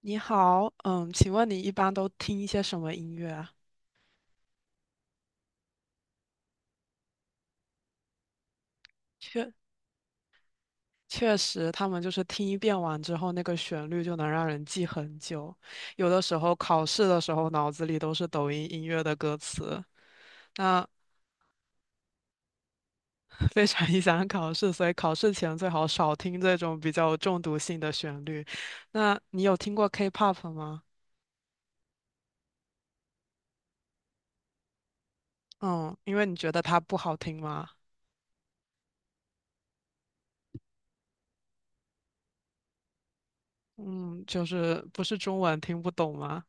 你好，请问你一般都听一些什么音乐啊？确确实，他们就是听一遍完之后，那个旋律就能让人记很久。有的时候考试的时候，脑子里都是抖音音乐的歌词，那 非常影响考试，所以考试前最好少听这种比较有中毒性的旋律。那你有听过 K-pop 吗？嗯，因为你觉得它不好听吗？嗯，就是不是中文听不懂吗？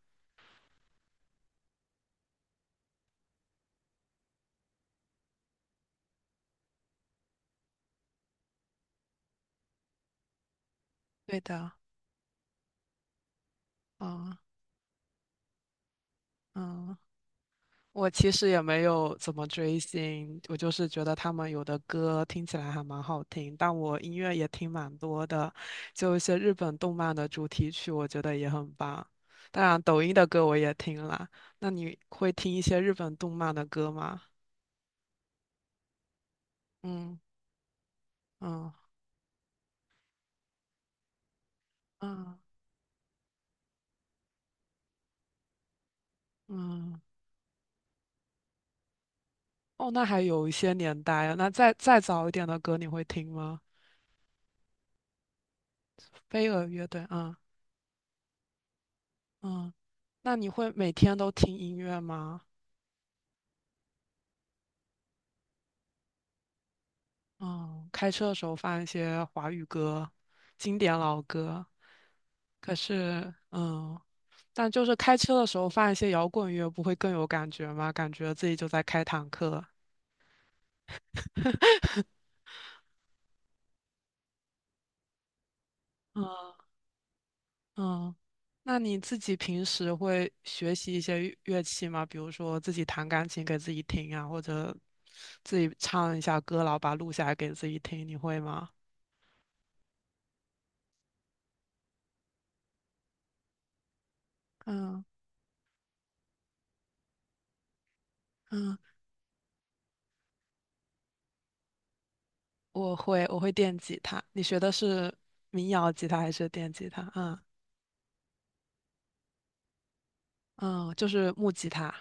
对的，嗯嗯。我其实也没有怎么追星，我就是觉得他们有的歌听起来还蛮好听，但我音乐也听蛮多的，就一些日本动漫的主题曲，我觉得也很棒。当然，抖音的歌我也听了。那你会听一些日本动漫的歌吗？嗯嗯嗯嗯，哦，那还有一些年代啊。那再早一点的歌你会听吗？飞儿乐队，嗯嗯，那你会每天都听音乐吗？嗯，开车的时候放一些华语歌，经典老歌。可是，但就是开车的时候放一些摇滚乐，不会更有感觉吗？感觉自己就在开坦克。嗯嗯，那你自己平时会学习一些乐器吗？比如说自己弹钢琴给自己听啊，或者自己唱一下歌，然后把它录下来给自己听，你会吗？嗯嗯，我会电吉他。你学的是民谣吉他还是电吉他？嗯嗯，就是木吉他。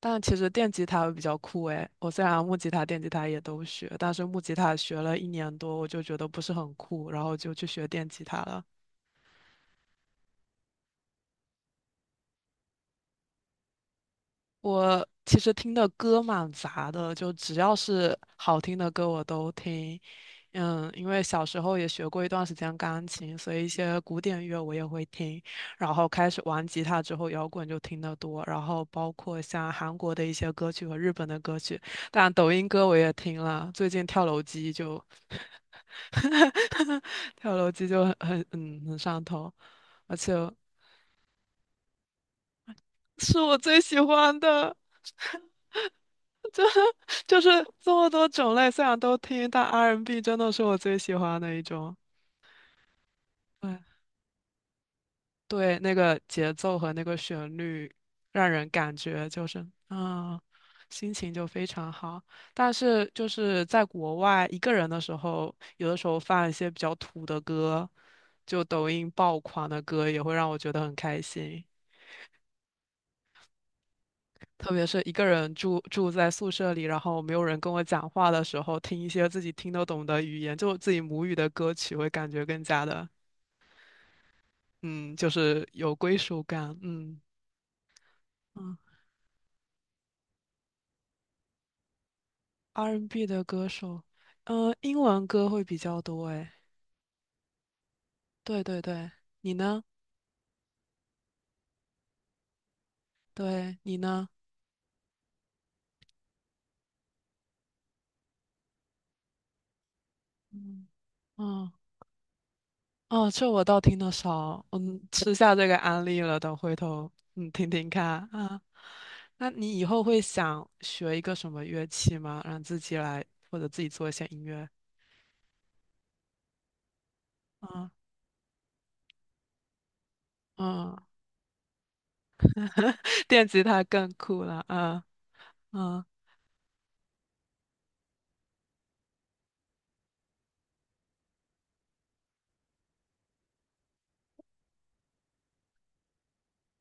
但其实电吉他比较酷诶，我虽然木吉他、电吉他也都学，但是木吉他学了一年多，我就觉得不是很酷，然后就去学电吉他了。我其实听的歌蛮杂的，就只要是好听的歌我都听。嗯，因为小时候也学过一段时间钢琴，所以一些古典乐我也会听。然后开始玩吉他之后，摇滚就听得多。然后包括像韩国的一些歌曲和日本的歌曲，当然抖音歌我也听了。最近跳楼机就 跳楼机就很上头，而且是我最喜欢的。就是这么多种类，虽然都听，但 R&B N 真的是我最喜欢的一种。对对，那个节奏和那个旋律，让人感觉就是心情就非常好。但是就是在国外一个人的时候，有的时候放一些比较土的歌，就抖音爆款的歌，也会让我觉得很开心。特别是一个人住在宿舍里，然后没有人跟我讲话的时候，听一些自己听得懂的语言，就自己母语的歌曲，会感觉更加的，嗯，就是有归属感。嗯嗯，R&B 的歌手，英文歌会比较多。诶，对对对，你呢？对，你呢？嗯嗯。哦，这我倒听得少，吃下这个安利了，等回头听听看啊。那你以后会想学一个什么乐器吗？让自己来或者自己做一些音乐？嗯嗯，电吉他更酷了，啊啊！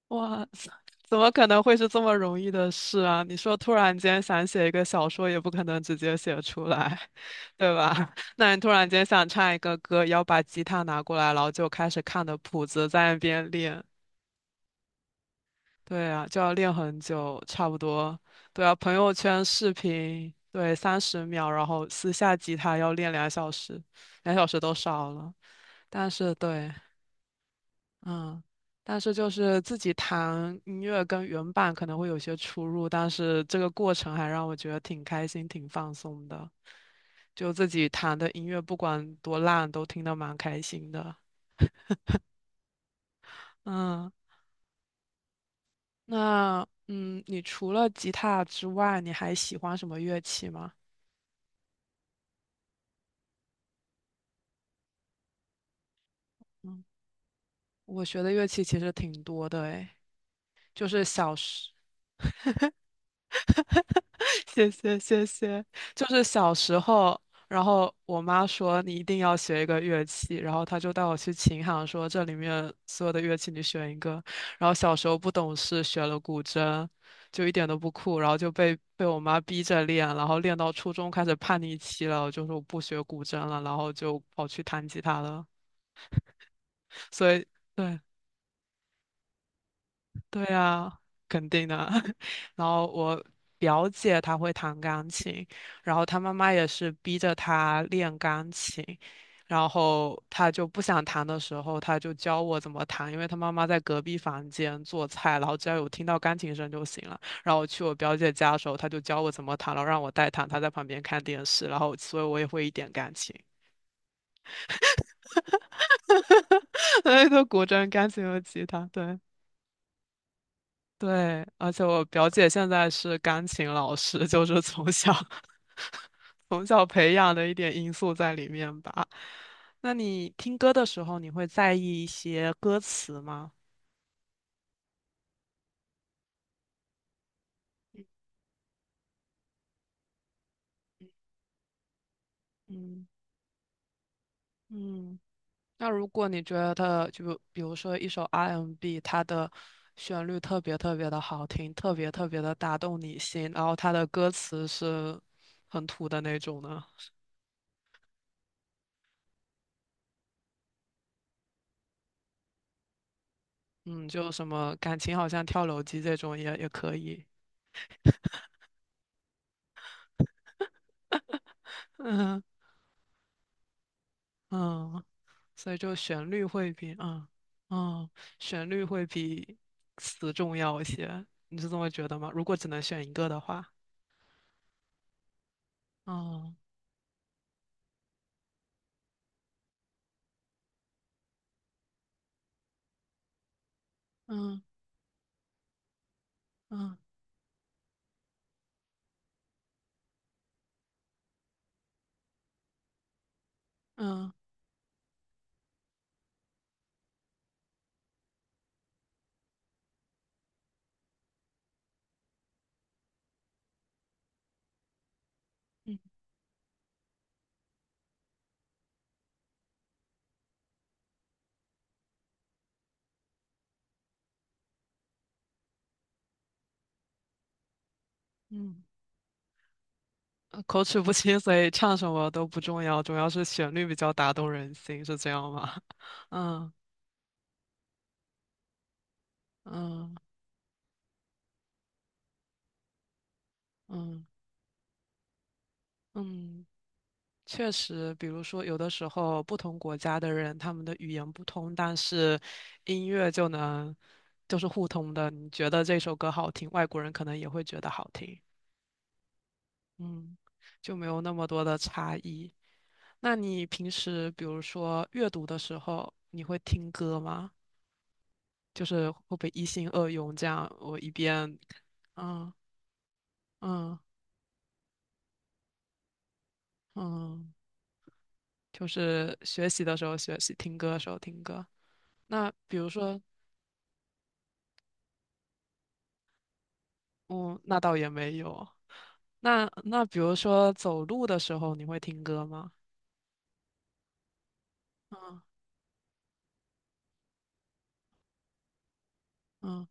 哇，怎么可能会是这么容易的事啊？你说突然间想写一个小说，也不可能直接写出来，对吧？那你突然间想唱一个歌，要把吉他拿过来，然后就开始看的谱子在那边练，对啊，就要练很久，差不多。对啊，朋友圈视频，对，30秒，然后私下吉他要练两小时，两小时都少了。但是对，嗯，但是就是自己弹音乐跟原版可能会有些出入，但是这个过程还让我觉得挺开心、挺放松的。就自己弹的音乐，不管多烂，都听得蛮开心的。嗯，那你除了吉他之外，你还喜欢什么乐器吗？嗯，我学的乐器其实挺多的诶，就是小时，谢谢谢谢，就是小时候，然后我妈说你一定要学一个乐器，然后她就带我去琴行说这里面所有的乐器你选一个，然后小时候不懂事学了古筝，就一点都不酷，然后就被我妈逼着练，然后练到初中开始叛逆期了，我就说我不学古筝了，然后就跑去弹吉他了，所以对。对啊，肯定的。然后我表姐她会弹钢琴，然后她妈妈也是逼着她练钢琴，然后她就不想弹的时候，她就教我怎么弹，因为她妈妈在隔壁房间做菜，然后只要有听到钢琴声就行了。然后我去我表姐家的时候，她就教我怎么弹，然后让我代弹，她在旁边看电视，然后所以我也会一点钢琴，哎都古筝、钢琴和吉他，对。对，而且我表姐现在是钢琴老师，就是从小 从小培养的一点因素在里面吧。那你听歌的时候，你会在意一些歌词吗？嗯嗯，那如果你觉得，就比如说一首 R&B，m 它的旋律特别特别的好听，特别特别的打动你心，然后它的歌词是很土的那种呢，嗯，就什么感情好像跳楼机这种也可以，嗯。嗯，所以就嗯旋律会比词重要一些，你是这么觉得吗？如果只能选一个的话，嗯嗯嗯嗯嗯嗯，口齿不清，所以唱什么都不重要，主要是旋律比较打动人心，是这样吗？嗯嗯嗯嗯，确实，比如说，有的时候不同国家的人，他们的语言不通，但是音乐就能就是互通的。你觉得这首歌好听，外国人可能也会觉得好听，嗯，就没有那么多的差异。那你平时比如说阅读的时候，你会听歌吗？就是会不会一心二用这样？我一边，嗯嗯嗯，就是学习的时候学习，听歌的时候听歌。那比如说，哦，那倒也没有。那比如说走路的时候，你会听歌吗？嗯嗯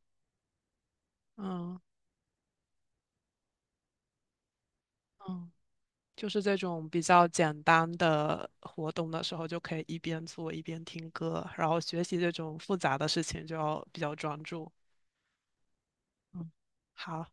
嗯嗯，就是这种比较简单的活动的时候，就可以一边做一边听歌，然后学习这种复杂的事情就要比较专注。嗯，好。